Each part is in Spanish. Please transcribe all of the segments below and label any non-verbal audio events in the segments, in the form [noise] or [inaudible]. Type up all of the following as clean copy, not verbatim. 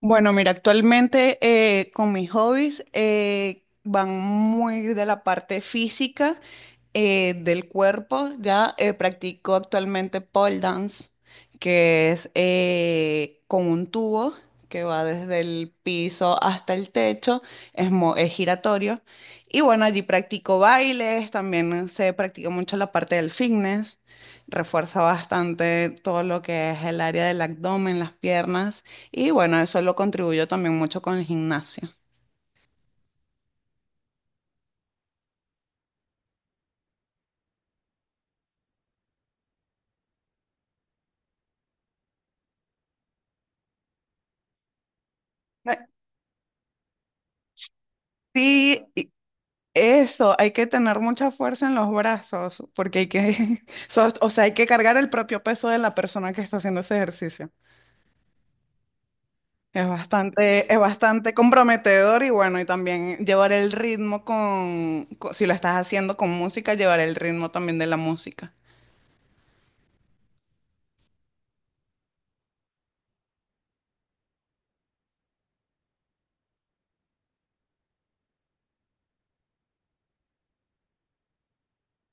Bueno, mira, actualmente con mis hobbies van muy de la parte física del cuerpo. Ya Practico actualmente pole dance, que es con un tubo que va desde el piso hasta el techo, es giratorio. Y bueno, allí practico bailes, también se practica mucho la parte del fitness, refuerza bastante todo lo que es el área del abdomen, las piernas. Y bueno, eso lo contribuyó también mucho con el gimnasio. Eh, Sí, y eso, hay que tener mucha fuerza en los brazos, porque hay que, [laughs] o sea, hay que cargar el propio peso de la persona que está haciendo ese ejercicio. Es bastante comprometedor y bueno, y también llevar el ritmo si lo estás haciendo con música, llevar el ritmo también de la música.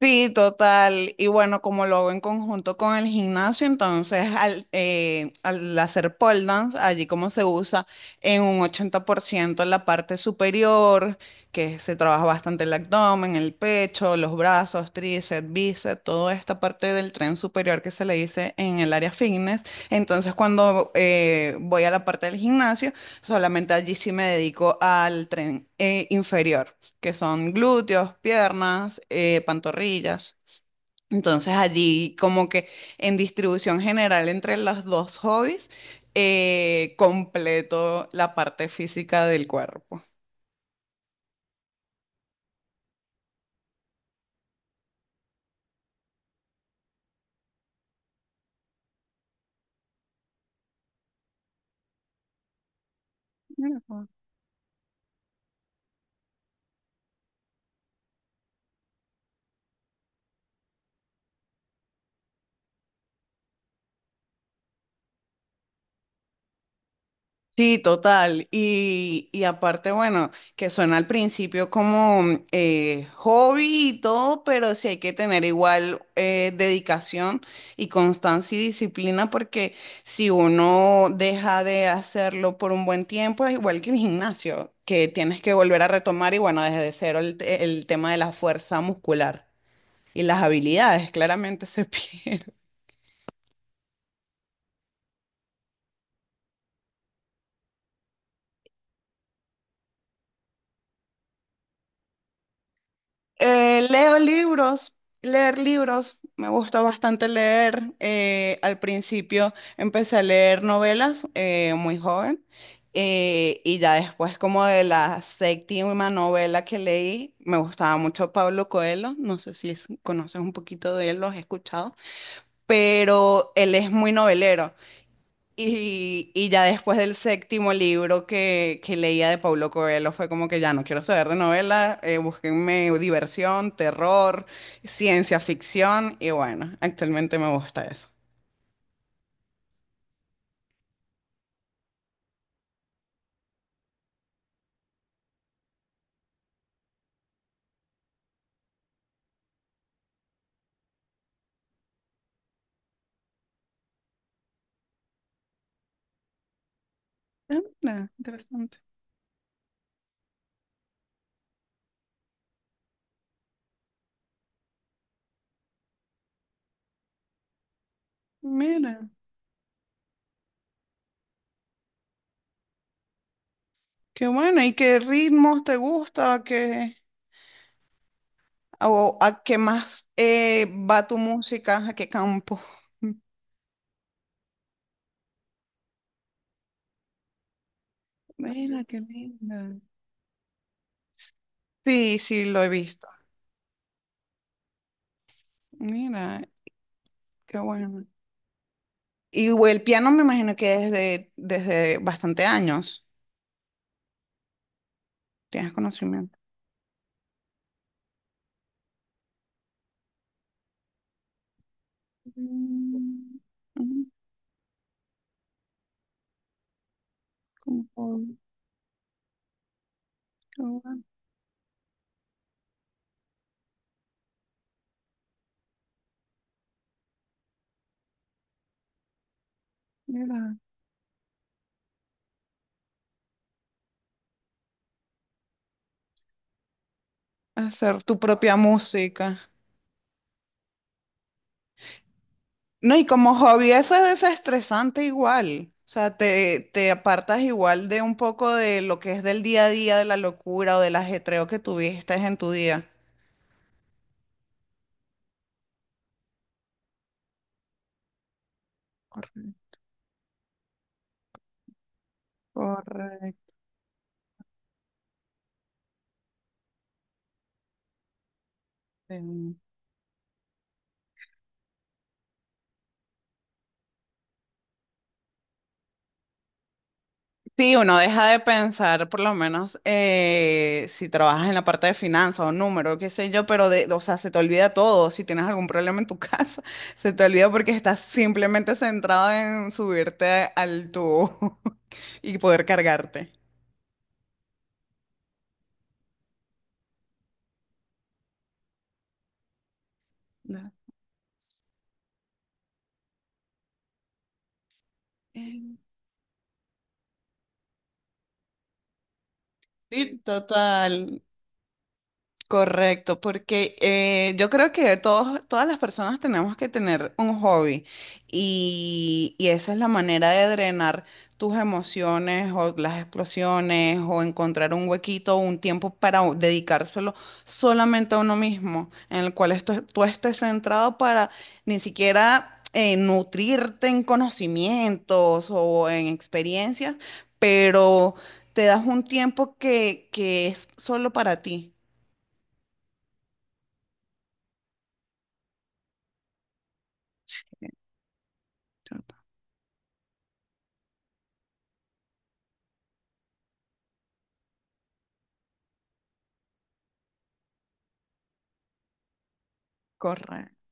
Sí, total. Y bueno, como lo hago en conjunto con el gimnasio, entonces al hacer pole dance, allí como se usa en un 80% la parte superior, que se trabaja bastante el abdomen, el pecho, los brazos, tríceps, bíceps, toda esta parte del tren superior que se le dice en el área fitness. Entonces cuando voy a la parte del gimnasio, solamente allí sí me dedico al tren inferior que son glúteos, piernas, pantorrillas. Entonces allí como que en distribución general entre los dos hobbies, completo la parte física del cuerpo. Sí, total. Y aparte, bueno, que suena al principio como hobby y todo, pero sí hay que tener igual dedicación y constancia y disciplina, porque si uno deja de hacerlo por un buen tiempo, es igual que el gimnasio, que tienes que volver a retomar y bueno, desde cero el tema de la fuerza muscular y las habilidades claramente se [laughs] pierden. Eh, leo libros, leer libros, me gusta bastante leer. Eh, al principio empecé a leer novelas muy joven y ya después como de la séptima novela que leí, me gustaba mucho Pablo Coelho, no sé si conoces un poquito de él, lo has escuchado, pero él es muy novelero. Y ya después del séptimo libro que leía de Paulo Coelho fue como que ya no quiero saber de novela, búsquenme diversión, terror, ciencia ficción y bueno, actualmente me gusta eso. Ah, mira, interesante. Mira, qué bueno. ¿Y qué ritmos te gusta? ¿Qué, o a qué más va tu música? ¿A qué campo? Mira, qué linda. Sí, sí, lo he visto. Mira, qué bueno. Y güey, el piano me imagino que desde bastante años tienes conocimiento. Mm, mm, como hobby, yo, ah, mira, hacer tu propia música. No, y como hobby eso es desestresante igual. O sea, te apartas igual de un poco de lo que es del día a día, de la locura o del ajetreo que tuviste en tu día. Correcto. Correcto. Sí, uno deja de pensar, por lo menos, si trabajas en la parte de finanzas o número, qué sé yo, pero de, o sea, se te olvida todo. Si tienes algún problema en tu casa, [laughs] se te olvida porque estás simplemente centrado en subirte al tubo [laughs] y poder cargarte. No. Eh, Sí, total. Correcto, porque yo creo que todas las personas tenemos que tener un hobby y esa es la manera de drenar tus emociones o las explosiones o encontrar un huequito o un tiempo para dedicárselo solamente a uno mismo, en el cual tú estés centrado para ni siquiera nutrirte en conocimientos o en experiencias, pero te das un tiempo que es solo para ti. Correcto.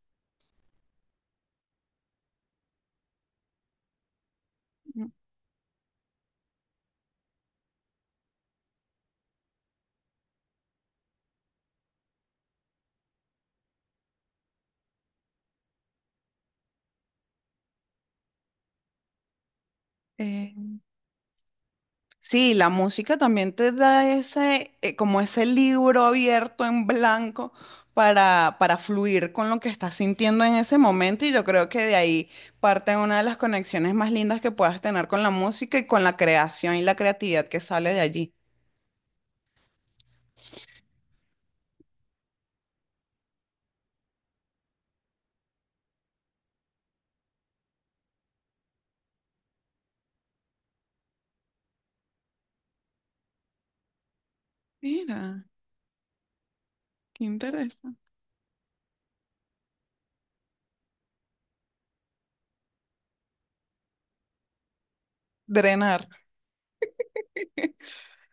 Eh, sí, la música también te da ese, como ese libro abierto en blanco para fluir con lo que estás sintiendo en ese momento y yo creo que de ahí parte una de las conexiones más lindas que puedas tener con la música y con la creación y la creatividad que sale de allí. Mira, qué interesante. Drenar.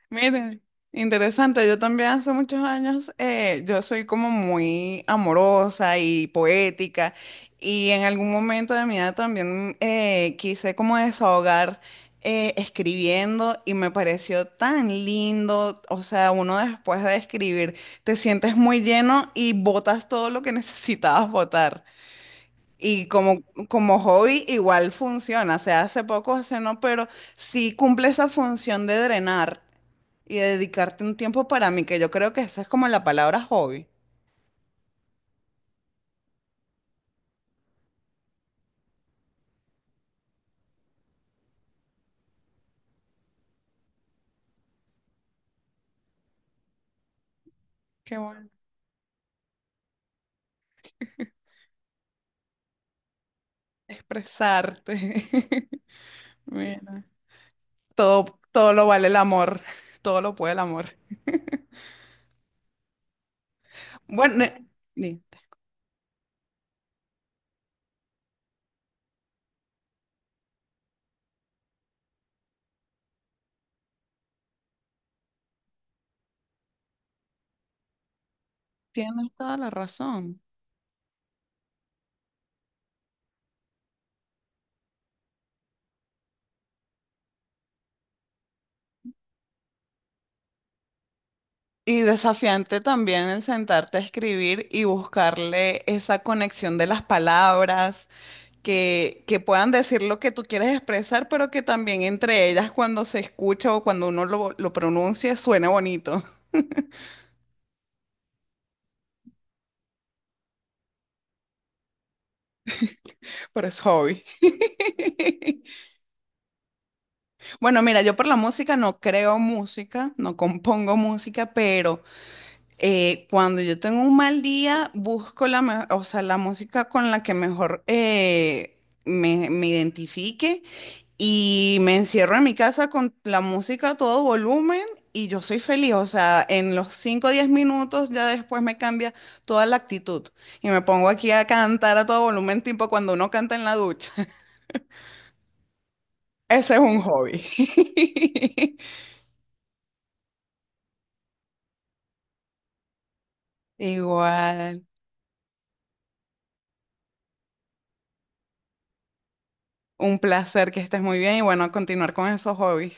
Miren, interesante, yo también hace muchos años, yo soy como muy amorosa y poética y en algún momento de mi vida también quise como desahogar escribiendo y me pareció tan lindo, o sea, uno después de escribir te sientes muy lleno y botas todo lo que [laughs] necesitabas botar. Y como, como hobby igual funciona, o sea, hace poco, hace no, pero sí cumple esa función de drenar y de dedicarte un tiempo para mí, que yo creo que esa es como la palabra hobby. Qué bueno, expresarte. [laughs] Mira, todo, todo lo vale el amor, todo lo puede el amor. Bueno, sí, tienes toda la razón. Y desafiante también el sentarte a escribir y buscarle esa conexión de las palabras que puedan decir lo que tú quieres expresar, pero que también entre ellas cuando se escucha o cuando uno lo pronuncia suene bonito, [laughs] pero es hobby. [laughs] Bueno, mira, yo por la música no creo música, no compongo música, pero cuando yo tengo un mal día, busco o sea, la música con la que mejor me identifique. Y me encierro en mi casa con la música a todo volumen y yo soy feliz. O sea, en los 5 o 10 minutos ya después me cambia toda la actitud. Y me pongo aquí a cantar a todo volumen, tipo cuando uno canta en la ducha. [laughs] Ese es un hobby. [laughs] Igual, un placer que estés muy bien y bueno, a continuar con esos hobbies.